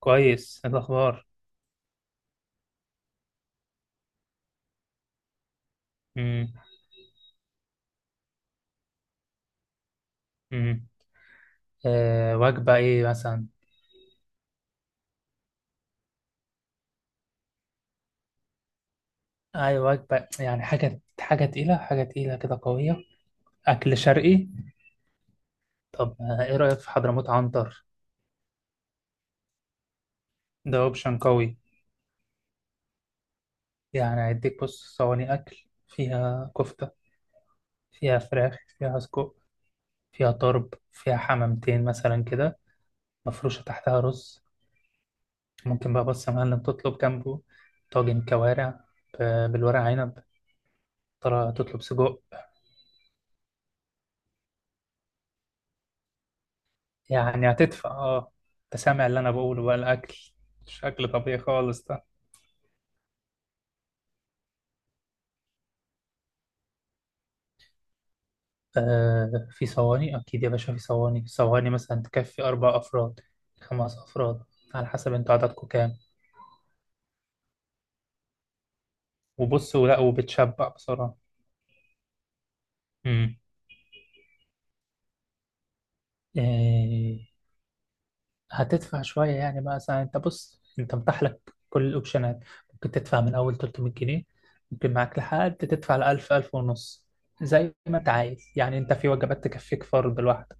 كويس. إيه الأخبار؟ امم. امم. آه، وجبة إيه مثلا؟ أي وجبة، يعني حاجة تقيلة، حاجة تقيلة كده قوية. أكل شرقي. طب آه، إيه رأيك في حضرموت عنتر؟ ده أوبشن قوي. يعني هيديك، بص، صواني أكل فيها كفتة، فيها فراخ، فيها سجق، فيها طرب، فيها حمامتين مثلا كده، مفروشة تحتها رز. ممكن بقى بص يا معلم تطلب جنبه طاجن كوارع، بالورق عنب، طلع تطلب سجق. يعني هتدفع، اه. انت سامع اللي انا بقوله بقى؟ الاكل مش اكل طبيعي خالص ده. آه في صواني اكيد يا باشا، في صواني. صواني مثلا تكفي 4 افراد، 5 افراد، على حسب انتوا عددكم كام. وبصوا لا، وبتشبع بصراحه. امم. آه، هتدفع شويه يعني بقى. مثلا انت بص، انت متاح لك كل الاوبشنات. ممكن تدفع من اول 300 جنيه، ممكن معاك لحد تدفع ل 1000 ونص. زي ما انت عايز يعني. انت في وجبات تكفيك فرد لوحده.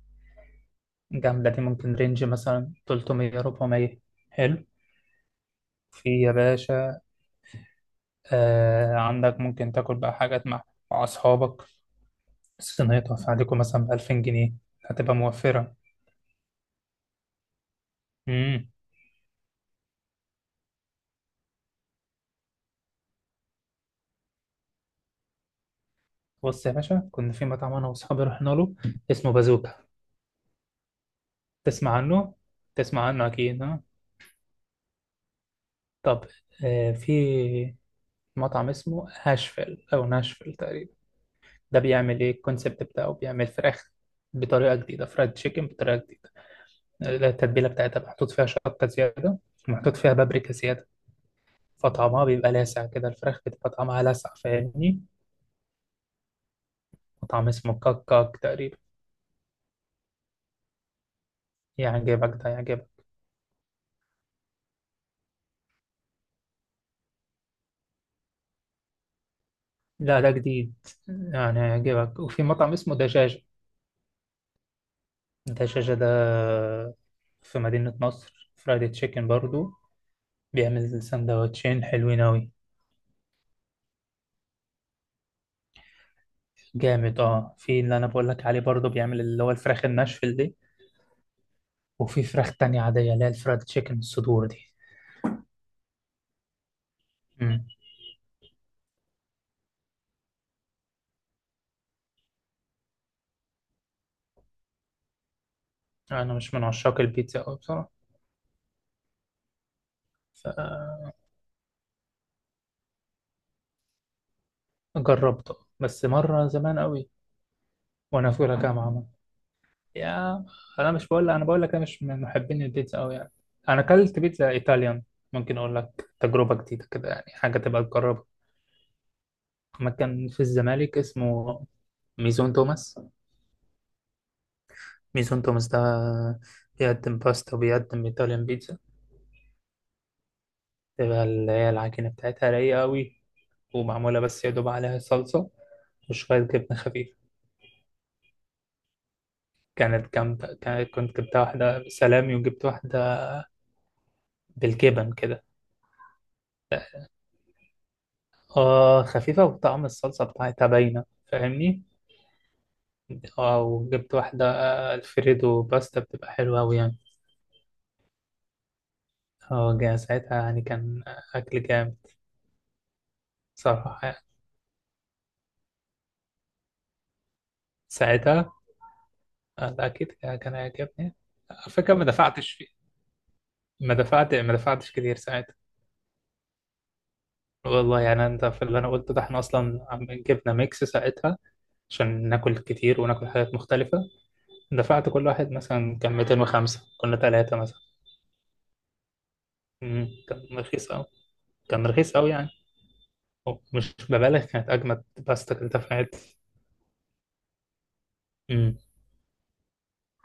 الجملة دي ممكن رينج مثلا 300، 400. حلو. في يا باشا، آه عندك، ممكن تاكل بقى حاجات مع، مع أصحابك، صينيتها في عليكم مثلا ب 2000 جنيه. هتبقى موفرة. امم. بص يا باشا، كنا في مطعم أنا وأصحابي رحنا له، اسمه بازوكا. تسمع عنه؟ تسمع عنه أكيد، ها؟ طب آه، في مطعم اسمه هاشفيل أو ناشفيل تقريبا. ده بيعمل إيه؟ الكونسيبت بتاعه بيعمل فراخ بطريقة جديدة، فرايد تشيكن بطريقة جديدة. التتبيلة بتاعتها محطوط فيها شطة زيادة، ومحطوط فيها بابريكا زيادة. فطعمها بيبقى لاسع كده، الفراخ بتبقى طعمها لاسع، فاهمني؟ وطعم اسمه كاك كاك تقريبا. يعجبك ده، يعجبك. لا ده جديد، يعني هيعجبك. وفي مطعم اسمه دجاجة. دجاجة ده في مدينة نصر، فرايدي تشيكن برضو. بيعمل سندوتشين حلوين أوي. جامد اه. في اللي أنا بقولك عليه برضو بيعمل اللي هو الفراخ الناشفل دي، وفي فراخ تانية عادية اللي هي الفرايد تشيكن الصدور دي. انا مش من عشاق البيتزا قوي بصراحه. فجربت بس مره زمان قوي، وانا في اولى جامعه ما. يا، انا مش بقول، انا بقول لك انا مش من محبين البيتزا قوي يعني. انا اكلت بيتزا ايطاليان، ممكن اقول لك تجربه جديده كده يعني، حاجه تبقى تجربها. مكان في الزمالك اسمه ميزون توماس. ميزون توماس ده بيقدم باستا وبيقدم ايطاليان بيتزا. تبقى اللي هي العجينه بتاعتها رايقه قوي، ومعموله بس يا دوب عليها صلصه وشويه جبنه خفيفه. كانت جامدة. كنت جبتها واحدة بسلامي وجبت واحدة بالجبن كده. اه خفيفة، وطعم الصلصة بتاعتها باينة، فاهمني؟ اه وجبت واحدة. آه، الفريدو باستا بتبقى حلوة أوي يعني. اه ساعتها يعني، كان أكل جامد صراحة يعني. ساعتها آه، أكيد كان هيعجبني. على فكرة ما دفعتش فيه. ما دفعتش كتير ساعتها. والله يعني، انت في اللي انا قلته ده احنا اصلا جبنا ميكس ساعتها عشان ناكل كتير وناكل حاجات مختلفة. دفعت كل واحد مثلا كان 205، كنا 3 مثلا. مم، كان رخيص أوي. كان رخيص أوي يعني. أو مش ببالغ، كانت أجمد باستا كلتها في حياتي. مم.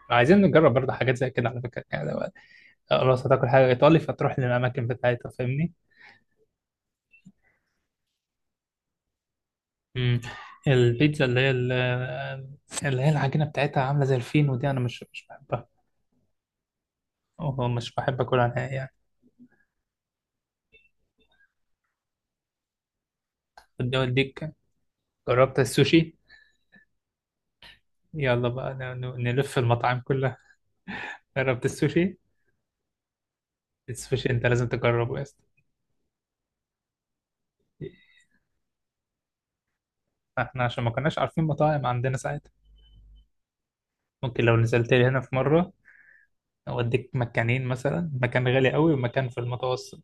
عايزين نجرب برضه حاجات زي كده على فكرة يعني. لو خلاص هتاكل حاجة إيطالي فتروح للأماكن بتاعتها، فاهمني؟ مم. البيتزا اللي هي اللي هي العجينة بتاعتها عاملة زي الفين، ودي أنا مش بحبها، أو مش بحب أكلها نهائي يعني. ودي أوديك. جربت السوشي؟ يلا بقى نلف المطاعم كلها. جربت السوشي؟ السوشي انت لازم تجربه يا اسطى. احنا عشان ما كناش عارفين مطاعم عندنا ساعتها. ممكن لو نزلت لي هنا في مره، اوديك مكانين، مثلا مكان غالي قوي ومكان في المتوسط.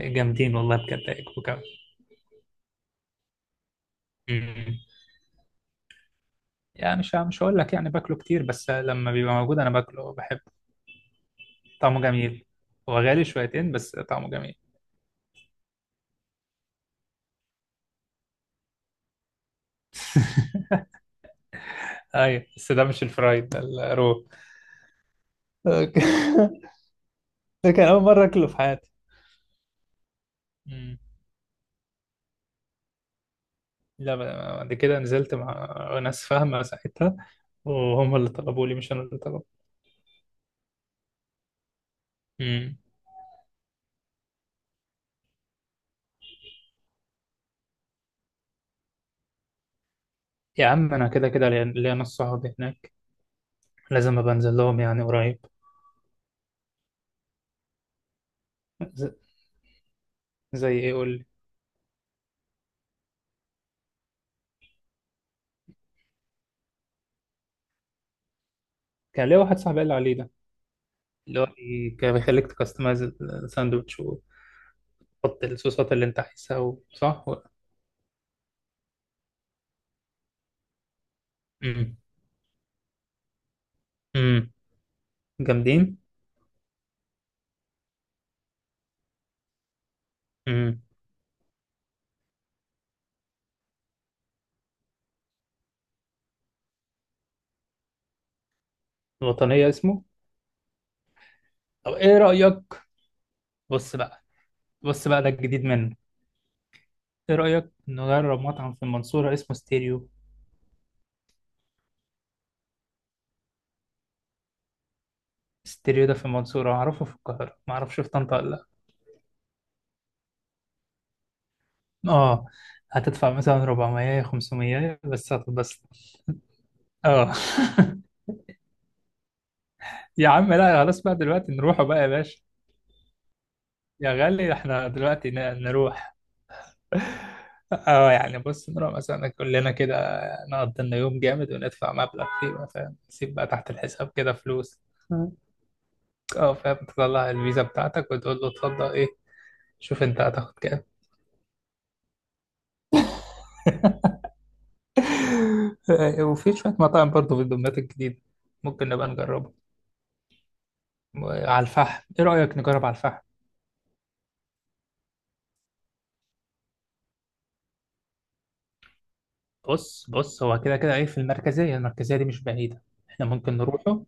جامدين والله بجد، هيعجبوك قوي. أمم. يعني مش هقول لك يعني باكله كتير، بس لما بيبقى موجود انا باكله، بحبه. طعمه جميل. هو غالي شويتين بس طعمه جميل. ايوه بس ده مش الفرايد ده، الرو. ده كان اول مره اكله في حياتي. أمم. لا، بعد كده نزلت مع ناس فاهمة ساعتها، وهم اللي طلبوا لي مش أنا اللي طلبت. امم. يا عم أنا كده كده ليا ناس صحابي هناك، لازم أبقى أنزل لهم يعني قريب. ز- زي إيه قول لي. كان ليا واحد صاحبي قال لي عليه ده، اللي هو كان بيخليك تكستمايز الساندوتش وتحط الصوصات اللي أنت عايزها، صح؟ امم. امم. جامدين. امم. الوطنية اسمه. طب إيه رأيك؟ بص بقى، بص بقى ده الجديد منه. إيه رأيك نجرب مطعم في المنصورة اسمه ستيريو؟ ستيريو ده في المنصورة أعرفه، في القاهرة ما أعرفش، في طنطا ولا؟ لأ، آه. هتدفع مثلا 400، 500 بس هتتبسط. آه. يا عم لا خلاص بقى، دلوقتي نروحوا بقى يا باشا. يا غالي إحنا دلوقتي نروح. آه يعني بص، نروح مثلا كلنا كده، نقضي لنا يوم جامد وندفع مبلغ فيه بقى، فاهم؟ نسيب بقى تحت الحساب كده فلوس. آه فاهم، تطلع الفيزا بتاعتك وتقول له اتفضل. إيه؟ شوف أنت هتاخد كام. وفي شوية مطاعم برضه في الدمياط الجديدة، ممكن نبقى نجربها. على الفحم، ايه رأيك نجرب على الفحم؟ بص بص، هو كده كده ايه. في المركزية، المركزية دي مش بعيدة، احنا ممكن نروحه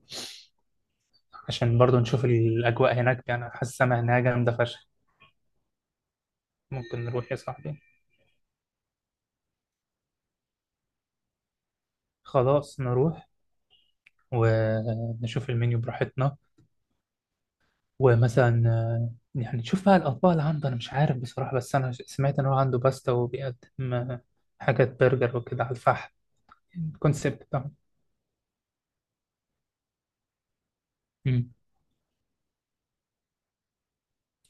عشان برضه نشوف الأجواء هناك. يعني حاسس السما هناك جامدة فشخ. ممكن نروح يا صاحبي. خلاص نروح ونشوف المنيو براحتنا، ومثلا آه، يعني نشوف بقى الأطباق اللي عنده. أنا مش عارف بصراحة، بس أنا سمعت إن هو عنده باستا وبيقدم آه، حاجات برجر وكده على الفحم، الكونسيبت. مم.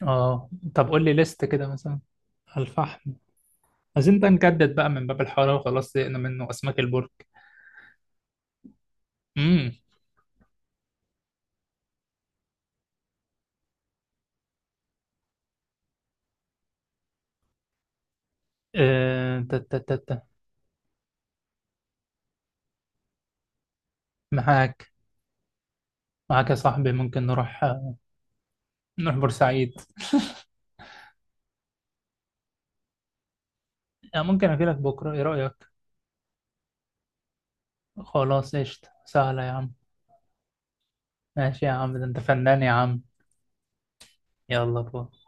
اه. طب قول لي ليست كده مثلا. الفحم. عايزين بقى نجدد بقى من باب الحاره وخلاص، زهقنا منه، اسماك البرك. امم. آه، تا- تا- تا- تا. معاك. معاك يا صاحبي، ممكن نروح آه، نروح بورسعيد. آه، ممكن اجي لك بكره، ايه رايك؟ خلاص قشطه سهله يا عم. ماشي يا عم، ده انت فنان يا عم. يلا باي.